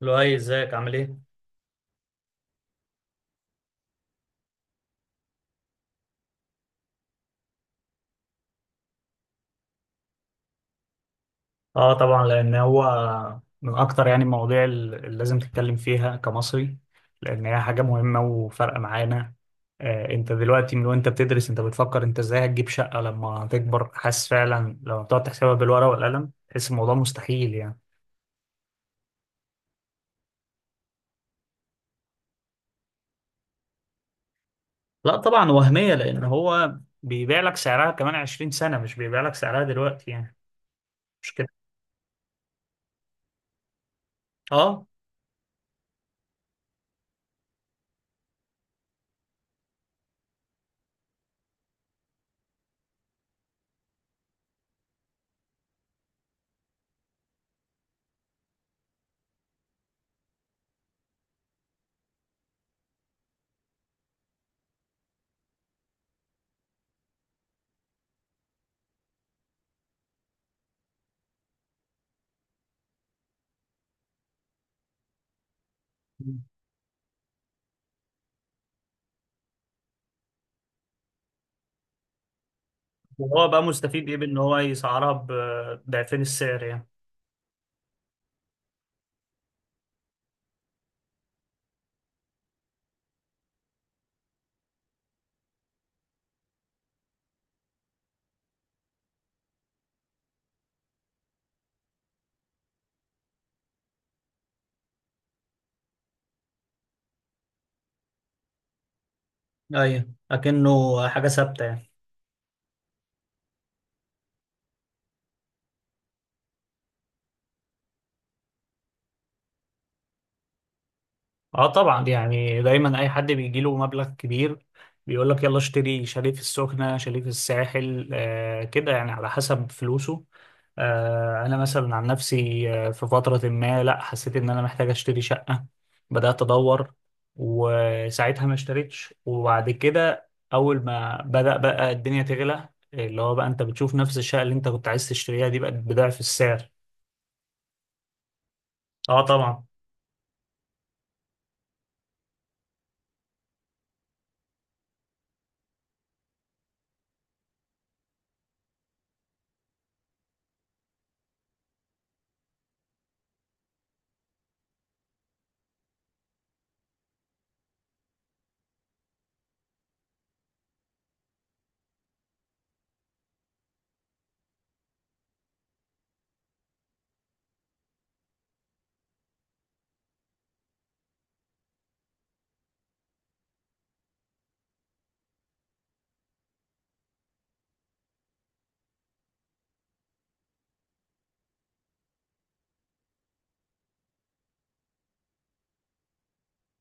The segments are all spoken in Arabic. لؤي، ازيك عامل ايه؟ اه، طبعا، لان هو من اكتر، يعني، المواضيع اللي لازم تتكلم فيها كمصري، لان هي حاجه مهمه وفارقه معانا. انت دلوقتي من وانت بتدرس، انت بتفكر انت ازاي هتجيب شقه لما تكبر؟ حاسس فعلا لما بتقعد تحسبها بالورقه والقلم تحس الموضوع مستحيل، يعني. لا، طبعا وهميه، لان هو بيبيع لك سعرها كمان 20 سنه، مش بيبيع لك سعرها دلوقتي، يعني، مش كده. اه، وهو بقى مستفيد ايه بان هو يسعرها بضعفين السعر يعني؟ ايوه، اكنه حاجه ثابته يعني. اه طبعا، يعني دايما اي حد بيجي له مبلغ كبير بيقول لك يلا اشتري شاليه في السخنه، شاليه في الساحل، كده يعني، على حسب فلوسه. انا مثلا عن نفسي، في فتره ما لا حسيت ان انا محتاج اشتري شقه، بدات ادور، وساعتها ما اشتريتش، وبعد كده اول ما بدا بقى الدنيا تغلى، اللي هو بقى انت بتشوف نفس الشقه اللي انت كنت عايز تشتريها دي بقت بضعف السعر. اه طبعا.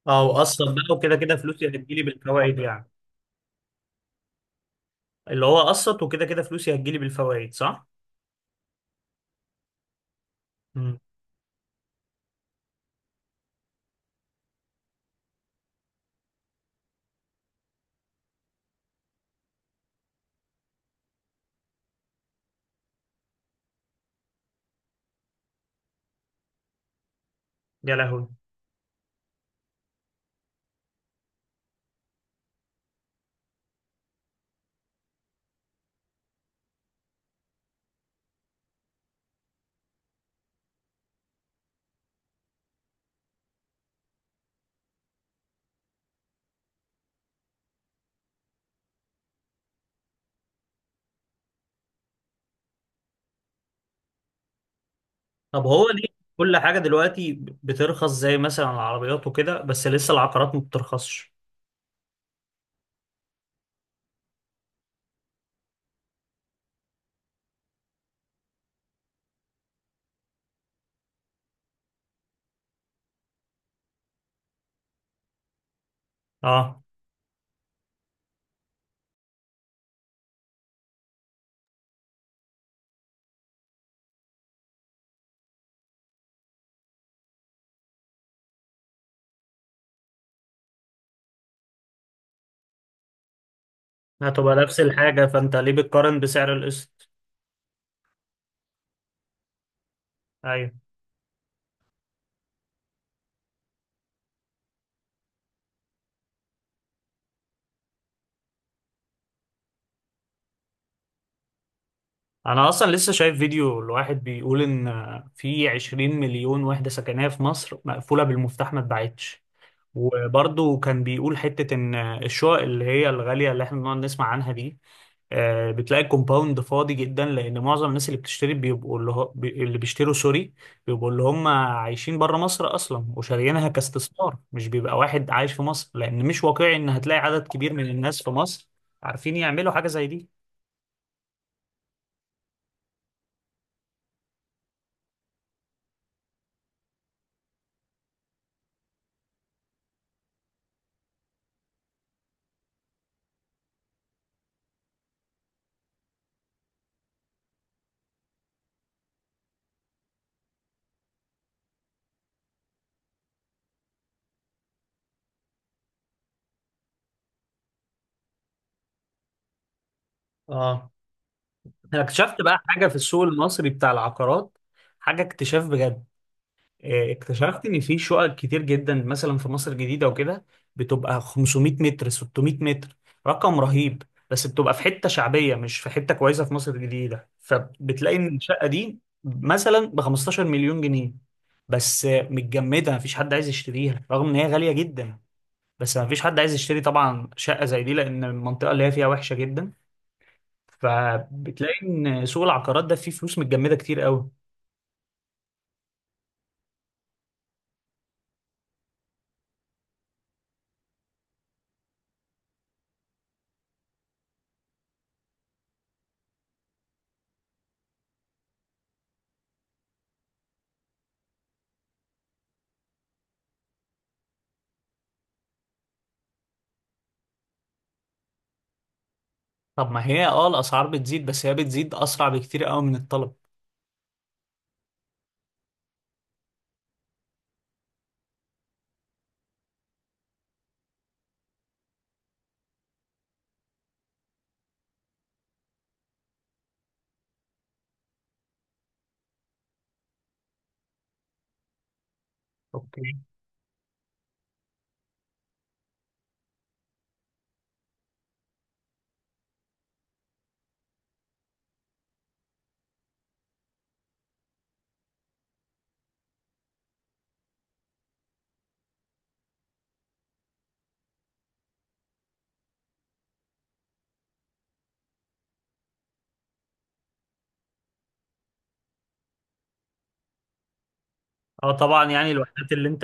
اه، وقسط بقى، وكده كده فلوسي هتجيلي بالفوائد يعني. اللي هو قسط، وكده كده فلوسي هتجيلي بالفوائد، صح؟ امم. يا لهوي. طب هو ليه كل حاجة دلوقتي بترخص، زي مثلا العربيات وكده، بس لسه العقارات ما بترخصش؟ اه، هتبقى نفس الحاجة، فانت ليه بتقارن بسعر القسط؟ ايوه. انا اصلا لسه شايف فيديو لواحد بيقول ان في 20 مليون وحدة سكنية في مصر مقفولة بالمفتاح ما اتباعتش. وبرضه كان بيقول حتة إن الشقق اللي هي الغالية اللي إحنا بنقعد نسمع عنها دي، بتلاقي الكومباوند فاضي جدا لان معظم الناس اللي بتشتري بيبقوا اللي بيشتروا، سوري، بيبقوا اللي هم عايشين بره مصر اصلا وشاريينها كاستثمار، مش بيبقى واحد عايش في مصر، لان مش واقعي ان هتلاقي عدد كبير من الناس في مصر عارفين يعملوا حاجه زي دي. اه، انا اكتشفت بقى حاجه في السوق المصري بتاع العقارات، حاجه اكتشاف بجد. اكتشفت ان في شقق كتير جدا مثلا في مصر الجديده وكده بتبقى 500 متر، 600 متر، رقم رهيب، بس بتبقى في حته شعبيه مش في حته كويسه في مصر الجديده، فبتلاقي ان الشقه دي مثلا ب 15 مليون جنيه. بس، متجمده، مفيش حد عايز يشتريها رغم ان هي غاليه جدا. بس مفيش حد عايز يشتري طبعا شقه زي دي، لان المنطقه اللي هي فيها وحشه جدا. فبتلاقي ان سوق العقارات ده فيه فلوس متجمده كتير قوي. طب ما هي الاسعار بتزيد، بس هي بتزيد اسرع بكتير قوي من الطلب. اوكي. اه طبعا، يعني الوحدات اللي انت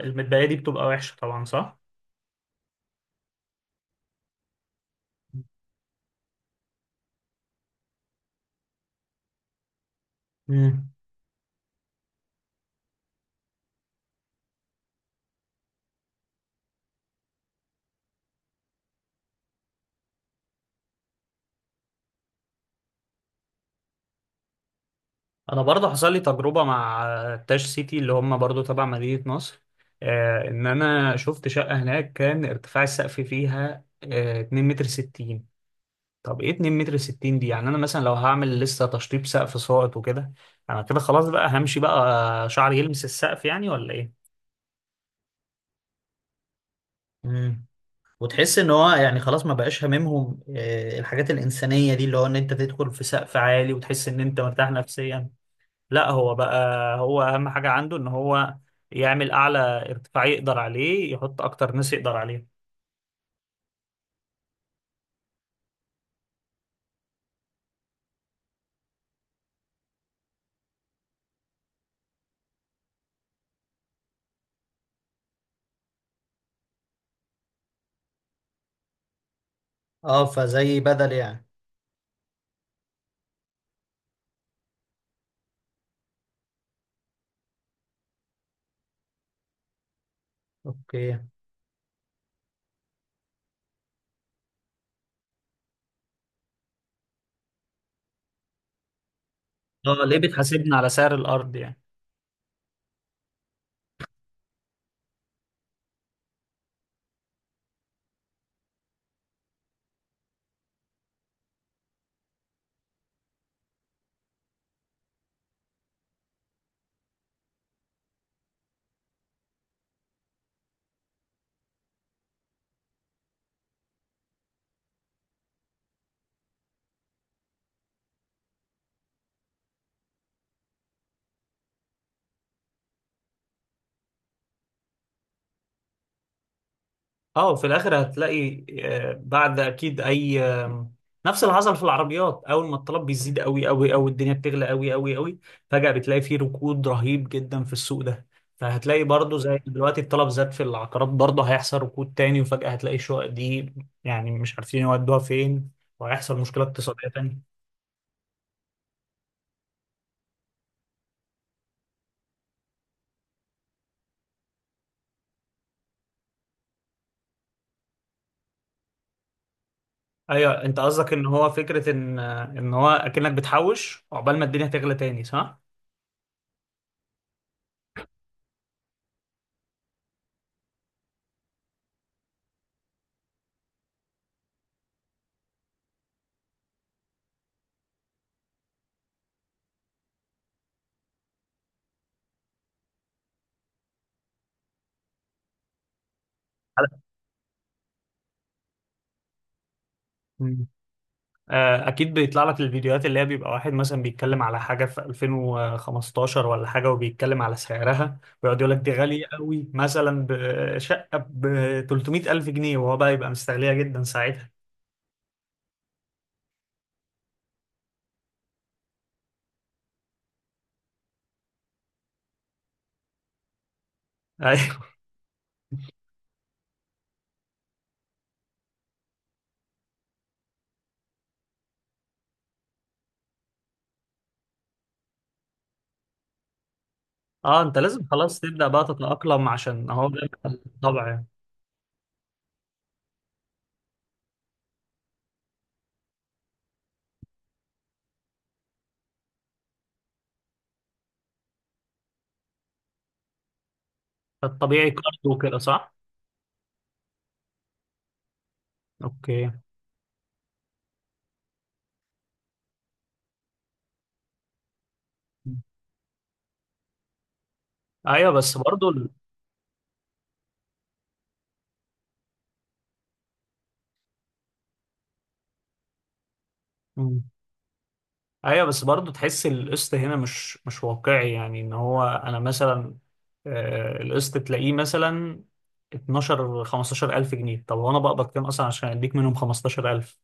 المتبقيه دي بتبقى وحشه طبعا، صح؟ امم. انا برضه حصل لي تجربه مع تاج سيتي اللي هم برضه تبع مدينه نصر، ان انا شفت شقه هناك كان ارتفاع السقف فيها 2 متر 60. طب ايه 2 متر 60 دي يعني؟ انا مثلا لو هعمل لسه تشطيب سقف ساقط وكده، انا كده خلاص بقى همشي بقى شعري يلمس السقف يعني، ولا ايه؟ مم. وتحس ان هو يعني خلاص ما بقاش هاممهم الحاجات الانسانيه دي، اللي هو ان انت تدخل في سقف عالي وتحس ان انت مرتاح نفسيا. لا هو بقى، هو اهم حاجه عنده ان هو يعمل اعلى ارتفاع يقدر عليه، يحط اكتر ناس يقدر عليه. اه، فزي بدل يعني. اوكي. اه، ليه بتحاسبنا على سعر الارض يعني؟ اه، وفي الاخر هتلاقي، بعد اكيد، اي آم، نفس اللي حصل في العربيات، اول ما الطلب بيزيد قوي قوي قوي الدنيا بتغلى قوي قوي قوي، فجأة بتلاقي فيه ركود رهيب جدا في السوق ده. فهتلاقي برضو زي دلوقتي الطلب زاد في العقارات، برضو هيحصل ركود تاني وفجأة هتلاقي الشقق دي يعني مش عارفين يودوها فين، وهيحصل مشكلة اقتصادية تانية. ايوه، انت قصدك ان هو فكرة ان هو اكنك بتحوش عقبال ما الدنيا تغلى تاني، صح؟ على- اكيد بيطلع لك الفيديوهات اللي هي بيبقى واحد مثلا بيتكلم على حاجه في 2015 ولا حاجه، وبيتكلم على سعرها ويقعد يقول لك دي غاليه قوي، مثلا بشقه ب 300 الف جنيه، وهو بقى يبقى مستغليها جدا ساعتها. ايوه. اه، انت لازم خلاص تبدا بقى تتاقلم، عشان هو ده الطبع يعني. الطبيعي كارد وكده، صح. اوكي. ايوه بس برضو ال... ايوه بس برضه تحس القسط هنا مش واقعي يعني، ان هو انا مثلا، القسط تلاقيه مثلا 12 15 الف جنيه. طب هو انا بقبض كام اصلا عشان اديك منهم 15 الف؟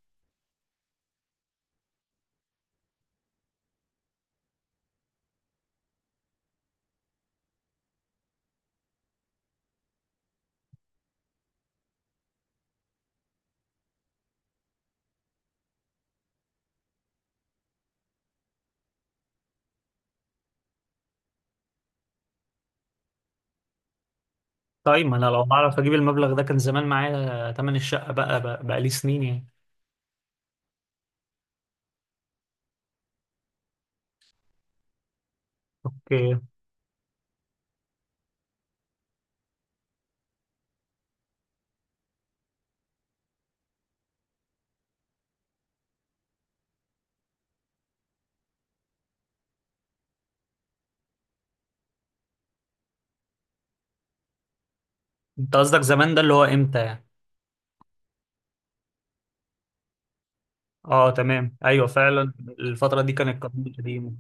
طيب ما انا لو بعرف اجيب المبلغ ده كان زمان معايا تمن الشقه، بقى لي سنين يعني. اوكي. انت قصدك زمان ده اللي هو امتى يعني؟ اه تمام، ايوه فعلا. الفتره دي كان القانون القديم.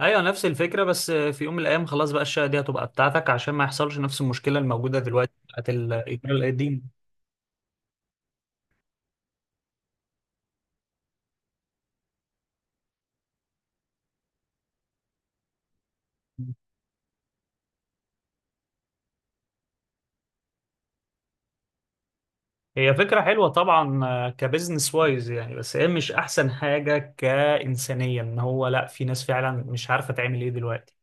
ايوه، نفس الفكره، بس في يوم من الايام خلاص بقى الشقه دي هتبقى بتاعتك، عشان ما يحصلش نفس المشكله الموجوده دلوقتي بتاعت الايجار القديم. هي فكرة حلوة طبعا، كبزنس وايز يعني، بس هي مش أحسن حاجة كإنسانية، إن هو لأ، في ناس فعلا مش عارفة تعمل إيه دلوقتي.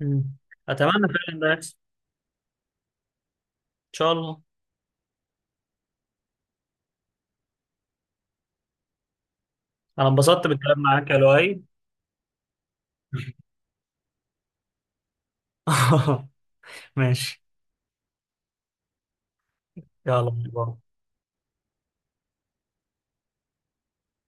مم. أتمنى فعلا ده يحصل. إن شاء الله. أنا انبسطت بالكلام معاك يا لؤي. ماشي. يلا، باي.